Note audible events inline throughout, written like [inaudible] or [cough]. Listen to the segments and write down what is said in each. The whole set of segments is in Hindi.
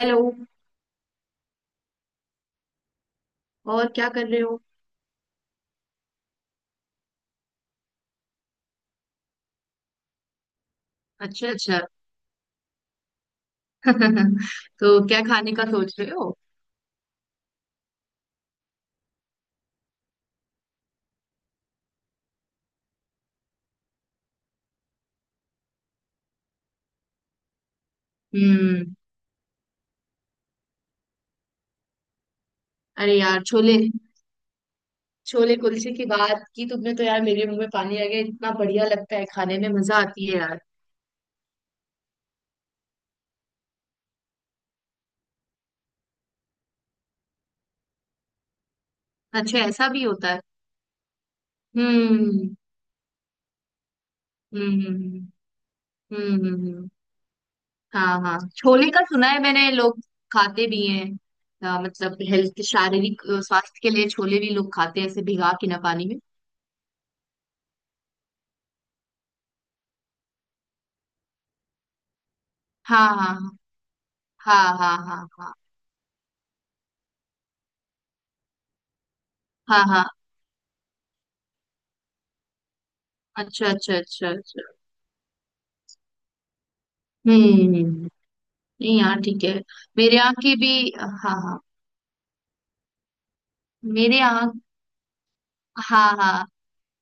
हेलो। और क्या कर रहे हो? अच्छा, अच्छा। [laughs] तो क्या खाने का सोच रहे हो? हम्म। अरे यार, छोले, छोले कुलचे की बात की तुमने, तो यार, मेरे मुंह में पानी आ गया। इतना बढ़िया लगता है, खाने में मजा आती है यार। अच्छा, ऐसा भी होता है? हम्म। हम्म। हम्म। हम्म। हम्म, हम्म, हम्म। हाँ हाँ, छोले का सुना है मैंने, लोग खाते भी हैं। मतलब हेल्थ शारीरिक स्वास्थ्य के लिए छोले भी लोग खाते हैं, ऐसे भिगा के ना पानी में। हाँ हाँ। हाँ हाँ हाँ हाँ। हाँ हाँ हाँ। अच्छा अच्छा अच्छा अच्छा। हम्म हम्म। नहीं यार, ठीक है। मेरे यहाँ की भी, हाँ हाँ। मेरे यहाँ, हाँ हाँ,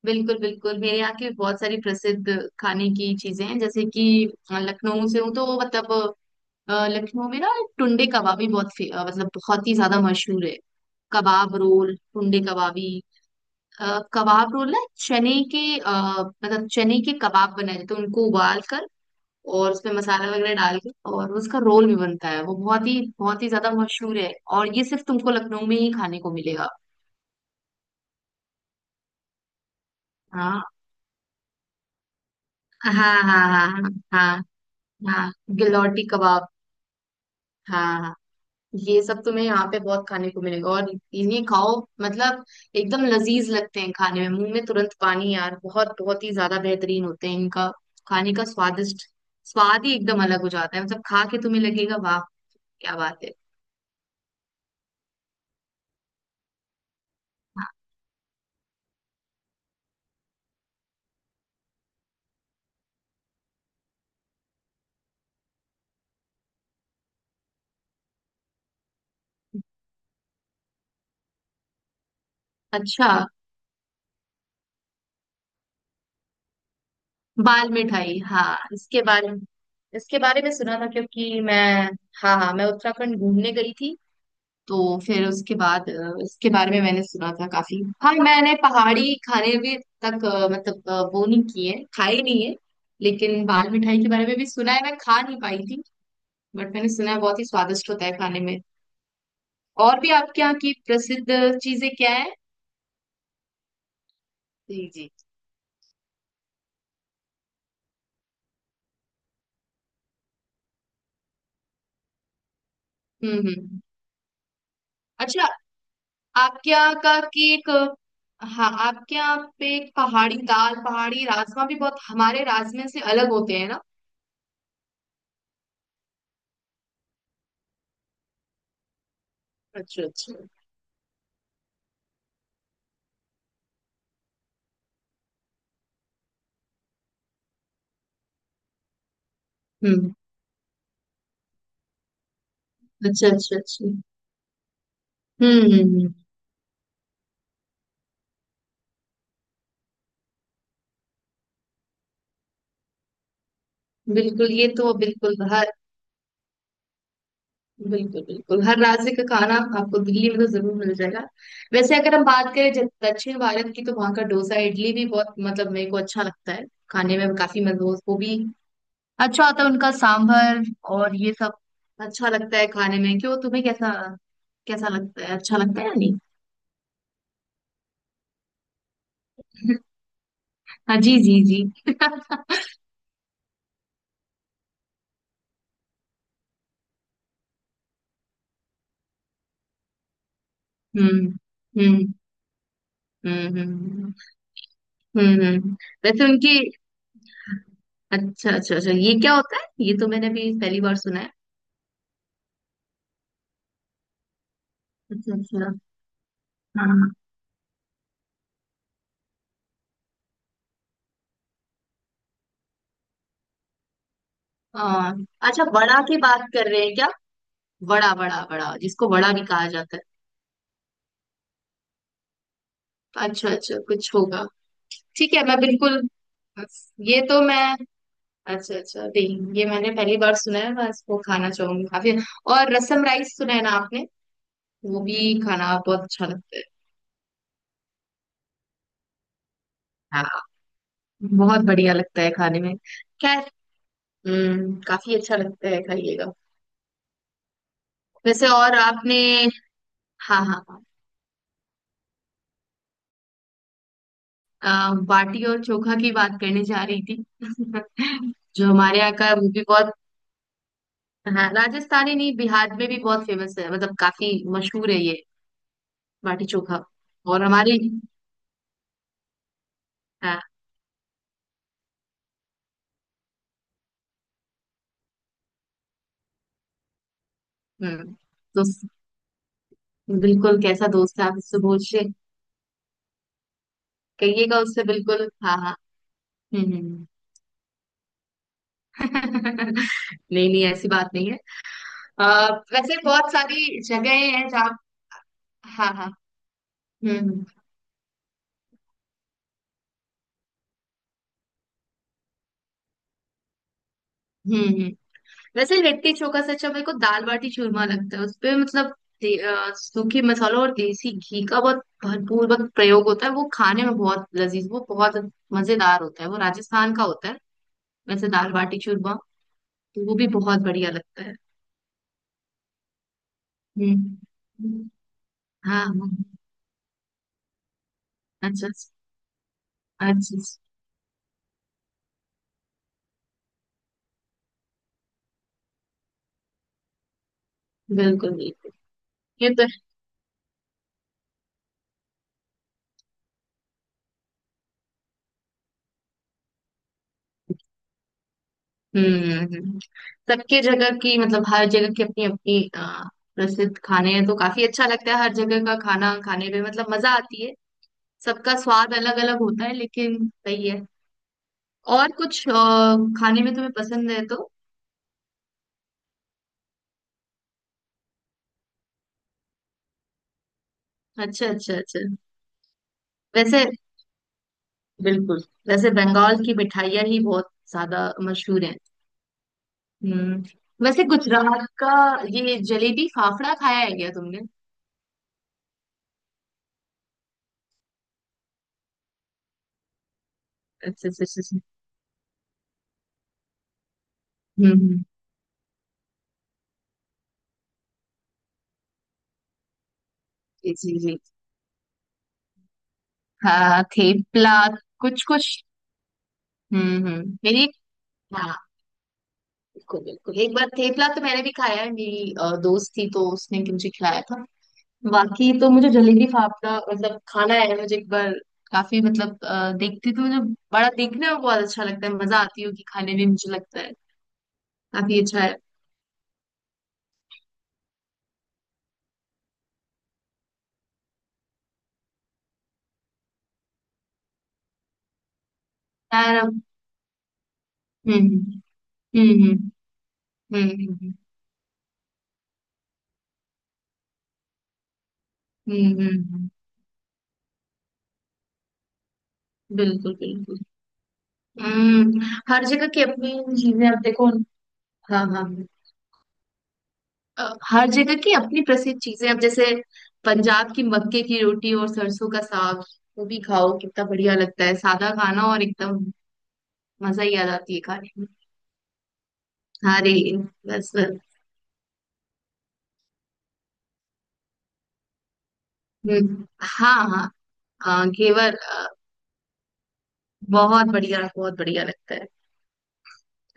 बिल्कुल बिल्कुल, मेरे यहाँ के बहुत सारी प्रसिद्ध खाने की चीजें हैं, जैसे कि लखनऊ से हूँ तो मतलब लखनऊ में ना, टुंडे कबाबी बहुत मतलब बहुत ही ज्यादा मशहूर है। कबाब रोल, टुंडे कबाबी। कबाब रोल ना, चने के मतलब चने के कबाब बनाए जाते हैं, उनको उबाल कर, और उसमें मसाला वगैरह डाल के, और उसका रोल भी बनता है। वो बहुत ही ज्यादा मशहूर है। और ये सिर्फ तुमको लखनऊ में ही खाने को मिलेगा। हाँ हाँ। हाँ हाँ। हाँ हाँ हाँ। गिलौटी कबाब। हाँ हाँ। ये सब तुम्हें यहाँ पे बहुत खाने को मिलेगा, और इन्हें खाओ, मतलब एकदम लजीज लगते हैं खाने में, मुंह में तुरंत पानी यार। बहुत बहुत ही ज्यादा बेहतरीन होते हैं इनका खाने का, स्वादिष्ट स्वाद ही एकदम अलग हो जाता है, मतलब खा के तुम्हें लगेगा, वाह, क्या बात है! हाँ। अच्छा। बाल मिठाई, हाँ, इसके बारे में सुना था, क्योंकि मैं, हाँ हाँ, मैं उत्तराखंड घूमने गई थी। तो फिर उसके बाद इसके बारे में मैंने सुना था काफी। हाँ, मैंने पहाड़ी खाने भी तक मतलब वो नहीं किए, खाए नहीं है। लेकिन बाल मिठाई के बारे में भी सुना है, मैं खा नहीं पाई थी, बट मैंने सुना है बहुत ही स्वादिष्ट होता है खाने में। और भी आपके यहाँ की प्रसिद्ध चीजें क्या है? जी जी। हम्म। अच्छा। आपके यहाँ का केक? हाँ, आपके यहाँ पे एक पहाड़ी दाल, पहाड़ी राजमा भी बहुत हमारे राजमे से अलग होते हैं ना? अच्छा अच्छा। हम्म। अच्छा अच्छा अच्छा। हम्म हम्म, हम्म, बिल्कुल। ये तो बिल्कुल हर, बिल्कुल बिल्कुल हर राज्य का खाना आपको दिल्ली में तो जरूर मिल जाएगा। वैसे अगर हम बात करें जब दक्षिण भारत की, तो वहाँ का डोसा इडली भी बहुत मतलब मेरे को अच्छा लगता है खाने में, काफी मजबूत वो भी, अच्छा होता है उनका सांभर और ये सब, अच्छा लगता है खाने में। क्यों, तुम्हें कैसा कैसा लगता है, अच्छा लगता है या नहीं? [laughs] हाँ जी, जी जी। [laughs] हम्म हम्म। हम्म। हम्म हम्म। वैसे उनकी, अच्छा अच्छा अच्छा, ये क्या होता है? ये तो मैंने भी पहली बार सुना है। अच्छा अच्छा। हाँ हाँ। अच्छा, वड़ा की बात कर रहे हैं क्या? वड़ा वड़ा वड़ा, जिसको वड़ा भी कहा जाता है। अच्छा अच्छा, कुछ होगा। ठीक है। मैं बिल्कुल, ये तो मैं, अच्छा अच्छा, नहीं, ये मैंने पहली बार सुना है, मैं इसको खाना चाहूंगी काफी। और रसम राइस सुना है ना आपने? वो भी खाना बहुत अच्छा लगता है। हाँ, बहुत बढ़िया लगता है खाने में। खैर, हम्म, काफी अच्छा लगता है, खाइएगा। वैसे, और आपने, हाँ हाँ हाँ, बाटी और चोखा की बात करने जा रही थी। [laughs] जो हमारे यहाँ का, वो भी बहुत। हाँ, राजस्थानी नहीं, बिहार में भी बहुत फेमस है, मतलब काफी मशहूर है ये बाटी चोखा। और हमारे, हाँ। हम्म। तो बिल्कुल, कैसा दोस्त है, आप उससे पूछिए, कहिएगा उससे बिल्कुल, हाँ हाँ। हम्म हम्म, हम्म। [laughs] नहीं नहीं, ऐसी बात नहीं है। आ, वैसे बहुत सारी जगहें हैं जहाँ, हाँ हाँ। हम्म। हम्म हम्म। वैसे लिट्टी चोखा से अच्छा मेरे को दाल बाटी चूरमा लगता है उसपे, मतलब दे- सूखे मसालों और देसी घी का बहुत भरपूर बहुत प्रयोग होता है, वो खाने में बहुत लजीज, वो बहुत मजेदार होता है, वो राजस्थान का होता है। वैसे दाल बाटी चूरमा तो वो भी बहुत बढ़िया लगता है। हम्म हम्म। हाँ हाँ। अच्छा अच्छा। बिल्कुल बिल्कुल। ये तो, हम्म। सबके जगह की, मतलब हर जगह की अपनी अपनी प्रसिद्ध खाने हैं, तो काफी अच्छा लगता है हर जगह का खाना खाने में, मतलब मजा आती है। सबका स्वाद अलग अलग होता है, लेकिन सही है। और कुछ खाने में तुम्हें पसंद है तो? अच्छा अच्छा अच्छा। वैसे, बिल्कुल, वैसे बंगाल की मिठाइयाँ ही बहुत ज्यादा मशहूर है। हम्म। वैसे गुजरात का ये जलेबी फाफड़ा खाया है क्या तुमने? अच्छा अच्छा अच्छा अच्छा। हम्म हम्म। जी जी जी। हाँ, थेपला, कुछ कुछ। हम्म। मेरी, हाँ, बिल्कुल बिल्कुल, एक बार थेपला तो मैंने भी खाया है, मेरी दोस्त थी तो उसने मुझे खिलाया था। बाकी तो मुझे जलेबी फाफड़ा, मतलब खाना है मुझे एक बार, काफी मतलब देखती तो मुझे बड़ा, देखने में बहुत अच्छा लगता है, मजा आती होगी खाने में मुझे लगता है, काफी अच्छा है। यार, हम्म हम्म। हम्म। हम्म। हम्म, हम्म, हम्म, हम्म। बिल्कुल बिल्कुल। हम्म। हर जगह की अपनी चीजें, अब देखो। हाँ हाँ हाँ। हर जगह की अपनी प्रसिद्ध चीजें, अब जैसे पंजाब की मक्के की रोटी और सरसों का साग, वो भी खाओ, कितना बढ़िया लगता है, सादा खाना और एकदम मजा ही आ जाती है खाने में। हाँ रे, बस बस। हाँ हाँ। हाँ, घेवर, बहुत बढ़िया, बहुत बढ़िया लगता है।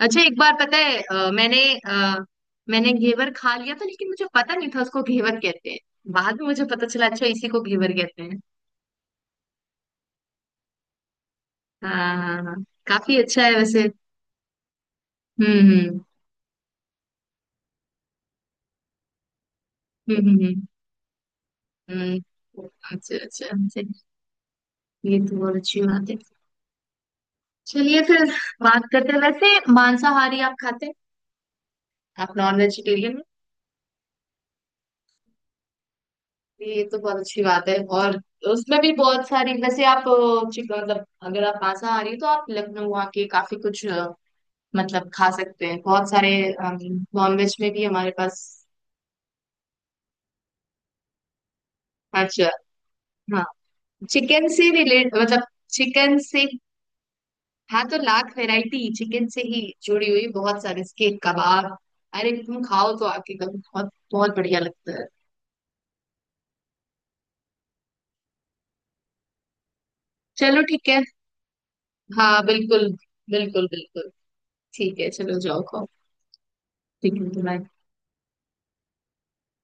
अच्छा, एक बार पता है, मैंने घेवर खा लिया था, लेकिन मुझे पता नहीं था उसको घेवर कहते हैं। बाद में मुझे पता चला, अच्छा, इसी को घेवर कहते हैं। हाँ हाँ हाँ हाँ। काफी अच्छा है वैसे। हम्म। हम्म। हम्म। हम्म। अच्छा अच्छा अच्छा, ये तो बहुत अच्छी बात है। चलिए फिर, बात करते हैं, वैसे मांसाहारी आप खाते हैं? आप नॉन वेजिटेरियन हैं, ये तो बहुत अच्छी बात है। और उसमें भी बहुत सारी, वैसे आप मतलब अगर आप मांसाहारी हो, तो आप लखनऊ आके काफी कुछ मतलब खा सकते हैं, बहुत सारे नॉन वेज में भी हमारे पास। अच्छा, हाँ, चिकन से रिलेट मतलब, चिकन से, हाँ, तो लाख वैरायटी चिकन से ही जुड़ी हुई, बहुत सारे इसके कबाब। अरे, तुम खाओ तो आपके कब बहुत बहुत बढ़िया लगता है। चलो ठीक है। हाँ बिल्कुल, बिल्कुल बिल्कुल। ठीक है, चलो जाओ, खाओ। ठीक है, bye।